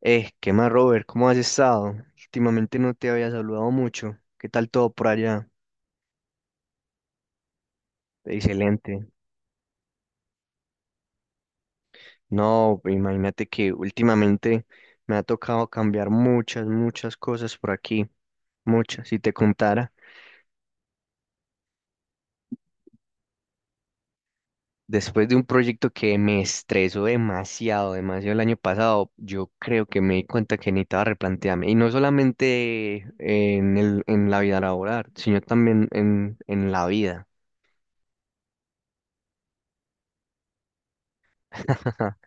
¿Qué más, Robert? ¿Cómo has estado? Últimamente no te había saludado mucho. ¿Qué tal todo por allá? Excelente. No, pues, imagínate que últimamente me ha tocado cambiar muchas cosas por aquí. Muchas, si te contara. Después de un proyecto que me estresó demasiado el año pasado, yo creo que me di cuenta que necesitaba replantearme. Y no solamente en la vida laboral, sino también en la vida.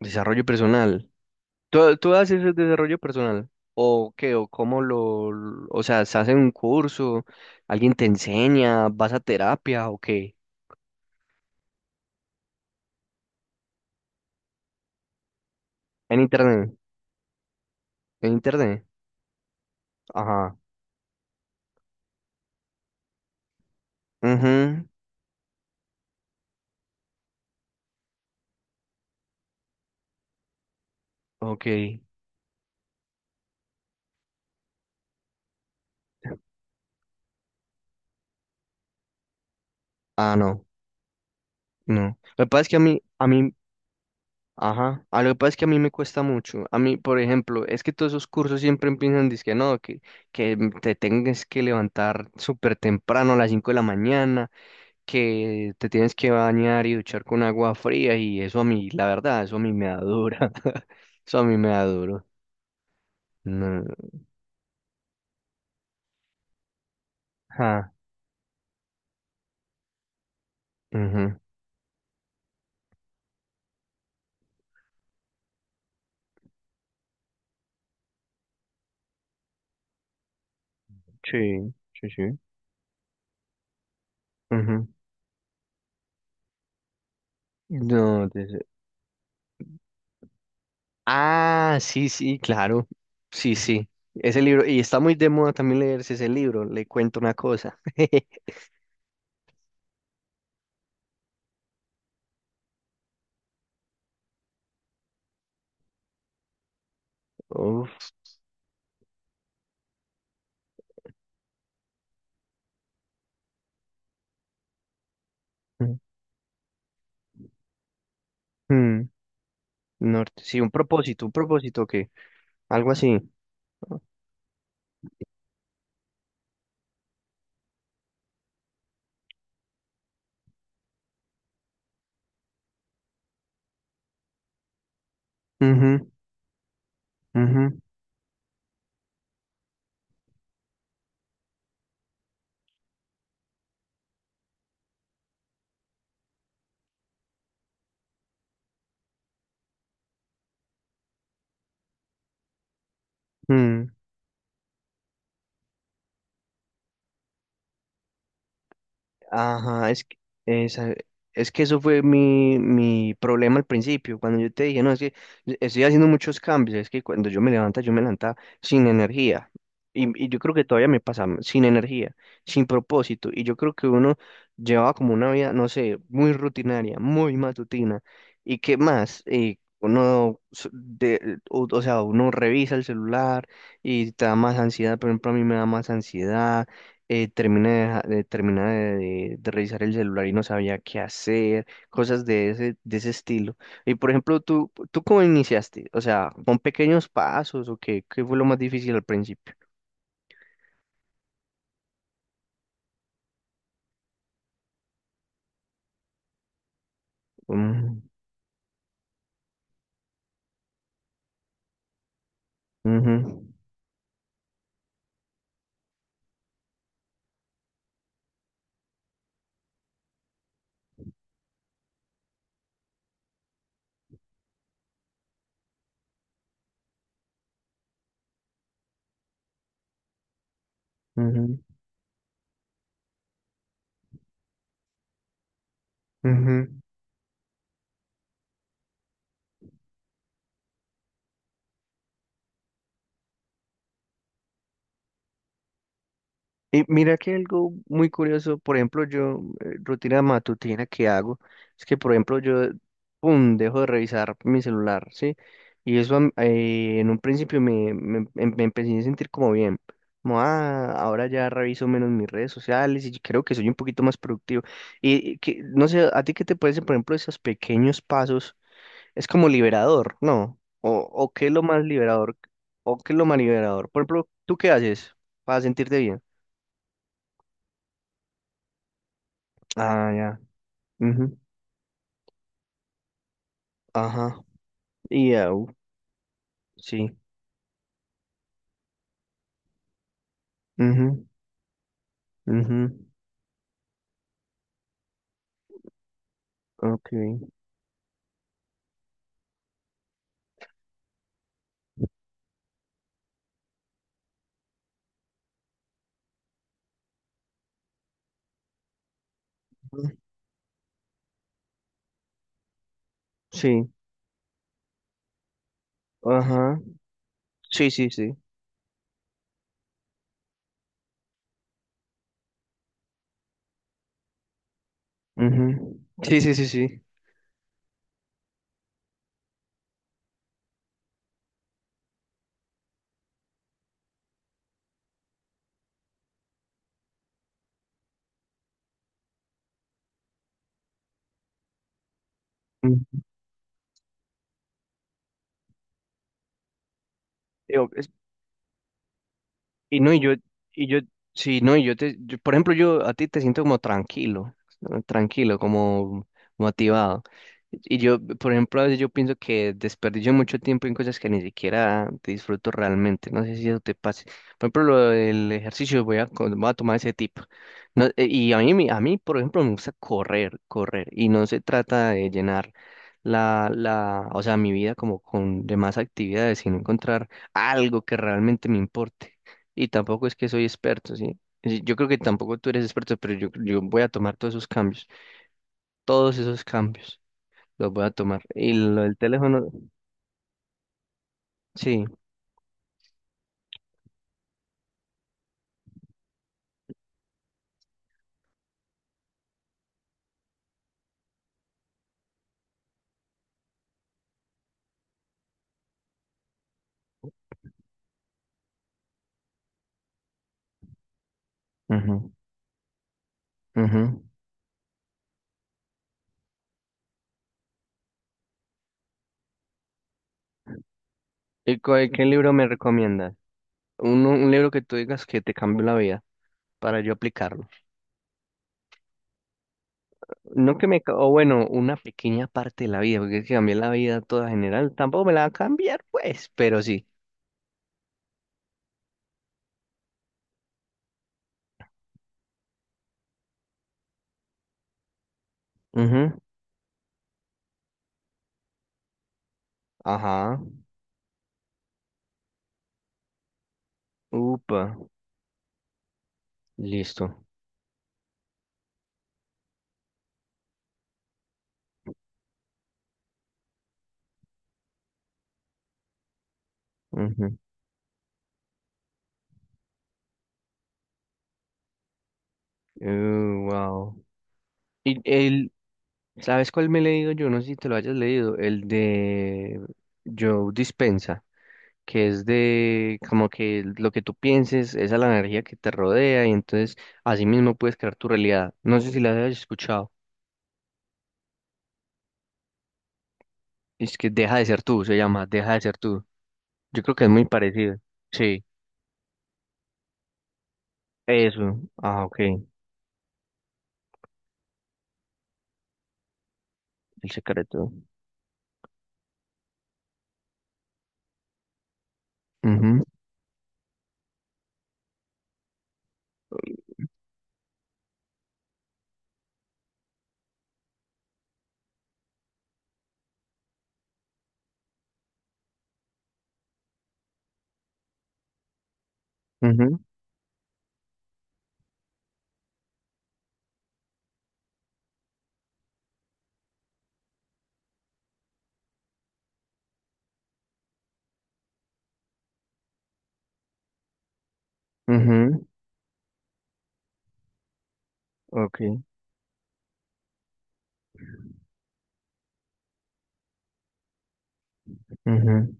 Desarrollo personal. ¿Tú haces el desarrollo personal? ¿O qué? ¿O cómo o sea, se hace un curso? ¿Alguien te enseña? ¿Vas a terapia o qué? En internet. En internet. Ajá. Mhm. Ok. Ah, no, no. Lo que pasa es que a mí, ajá, a lo que pasa es que a mí me cuesta mucho. A mí, por ejemplo, es que todos esos cursos siempre empiezan dizque no, que te tengas que levantar súper temprano a las 5 de la mañana, que te tienes que bañar y duchar con agua fría y eso a mí, la verdad, eso a mí me da dura. Eso a mí me da duro. No. Ajá. Ujú. Sí, sí, sí. Ujú. No, des- ah, sí, sí, claro. Sí, sí. Ese libro, y está muy de moda también leerse ese libro, le cuento una cosa. Uf. Mm. Norte, sí, un propósito que, algo así. Ujú, ujú, mm. Ajá, es que, esa- es que eso fue mi problema al principio, cuando yo te dije, no, es que estoy haciendo muchos cambios, es que cuando yo me levanta sin energía, y yo creo que todavía me pasa sin energía, sin propósito, y yo creo que uno llevaba como una vida, no sé, muy rutinaria, muy matutina, y qué más. Uno, s- de, o sea, uno revisa el celular y te da más ansiedad, por ejemplo, a mí me da más ansiedad, termina de, deja- de- termina de revisar el celular y no sabía qué hacer, cosas de ese estilo. Y por ejemplo, ¿tú cómo iniciaste? O sea, ¿con pequeños pasos o qué, qué fue lo más difícil al principio? Mm, ujú, ujú, ujú. Y mira que algo muy curioso, por ejemplo, yo, rutina matutina que hago, es que, por ejemplo, yo, pum, dejo de revisar mi celular, ¿sí? Y eso am- en un principio me empecé a sentir como bien, como, ah, ahora ya reviso menos mis redes sociales y creo que soy un poquito más productivo. Y que, no sé, ¿a ti qué te parece, por ejemplo, esos pequeños pasos? Es como liberador, ¿no? O qué es lo más liberador, o qué es lo más liberador. Por ejemplo, ¿tú qué haces para sentirte bien? Ah, ya. Ujú. Ajá. Y au, sí. Mhm. Mhm. Okay. Ujú. Sí. Ajá. Sí, sí, sí. Mhm. Sí, sí, sí, sí. Ujú. Digo, y no, y yo, sí, no, y yo te, yo- por ejemplo, yo a ti te siento como tranquilo, ¿no? Tranquilo, como motivado. Y yo, por ejemplo, a veces yo pienso que desperdicio mucho tiempo en cosas que ni siquiera disfruto realmente. No sé si eso te pase. Por ejemplo, lo del ejercicio, voy a, co- voy a tomar ese tipo. No, y a mí, me- a mí, por ejemplo, me gusta correr, correr. Y no se trata de llenar o sea, mi vida como con demás actividades, sino encontrar algo que realmente me importe. Y tampoco es que soy experto, ¿sí? Es decir, yo creo que tampoco tú eres experto, pero yo voy a tomar todos esos cambios los voy a tomar. Y lo del teléfono, sí. Ujú, ujú. ¿Y cuál- qué libro me recomiendas? Un libro que tú digas que te cambió la vida para yo aplicarlo. No que me, ca- o bueno, una pequeña parte de la vida, porque es que cambié la vida toda general, tampoco me la va a cambiar, pues, pero sí. Ujú. Ajá. Upa. Listo. Ujú. Wow. Y el, ¿sabes cuál me he leído yo? No sé si te lo hayas leído. El de Joe Dispensa, que es de como que lo que tú pienses, esa es la energía que te rodea y entonces así mismo puedes crear tu realidad. No sé si la hayas escuchado. Es que Deja de ser tú, se llama Deja de ser tú. Yo creo que es muy parecido. Sí, eso. Ah, ok. El secreto. Ujú, ujú, ujú. Ok. Ujú.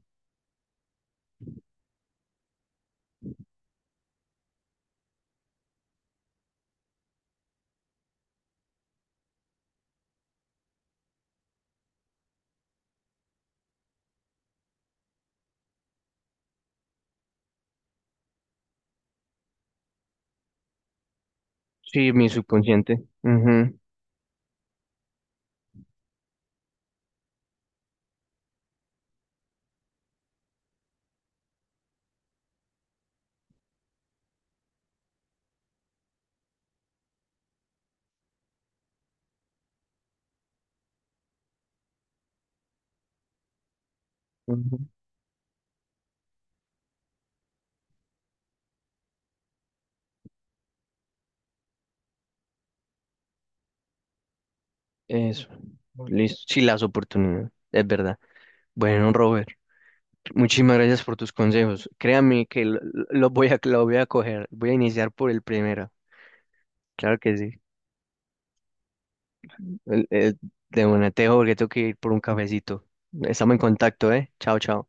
Sí, mi subconsciente. Ujú, ujú. Eso. Listo. Sí, las oportunidades. Es verdad. Bueno, Robert, muchísimas gracias por tus consejos. Créame que lo voy a coger. Voy a iniciar por el primero. Claro que sí. El- de una, te dejo porque tengo que ir por un cafecito. Estamos en contacto, ¿eh? Chao, chao.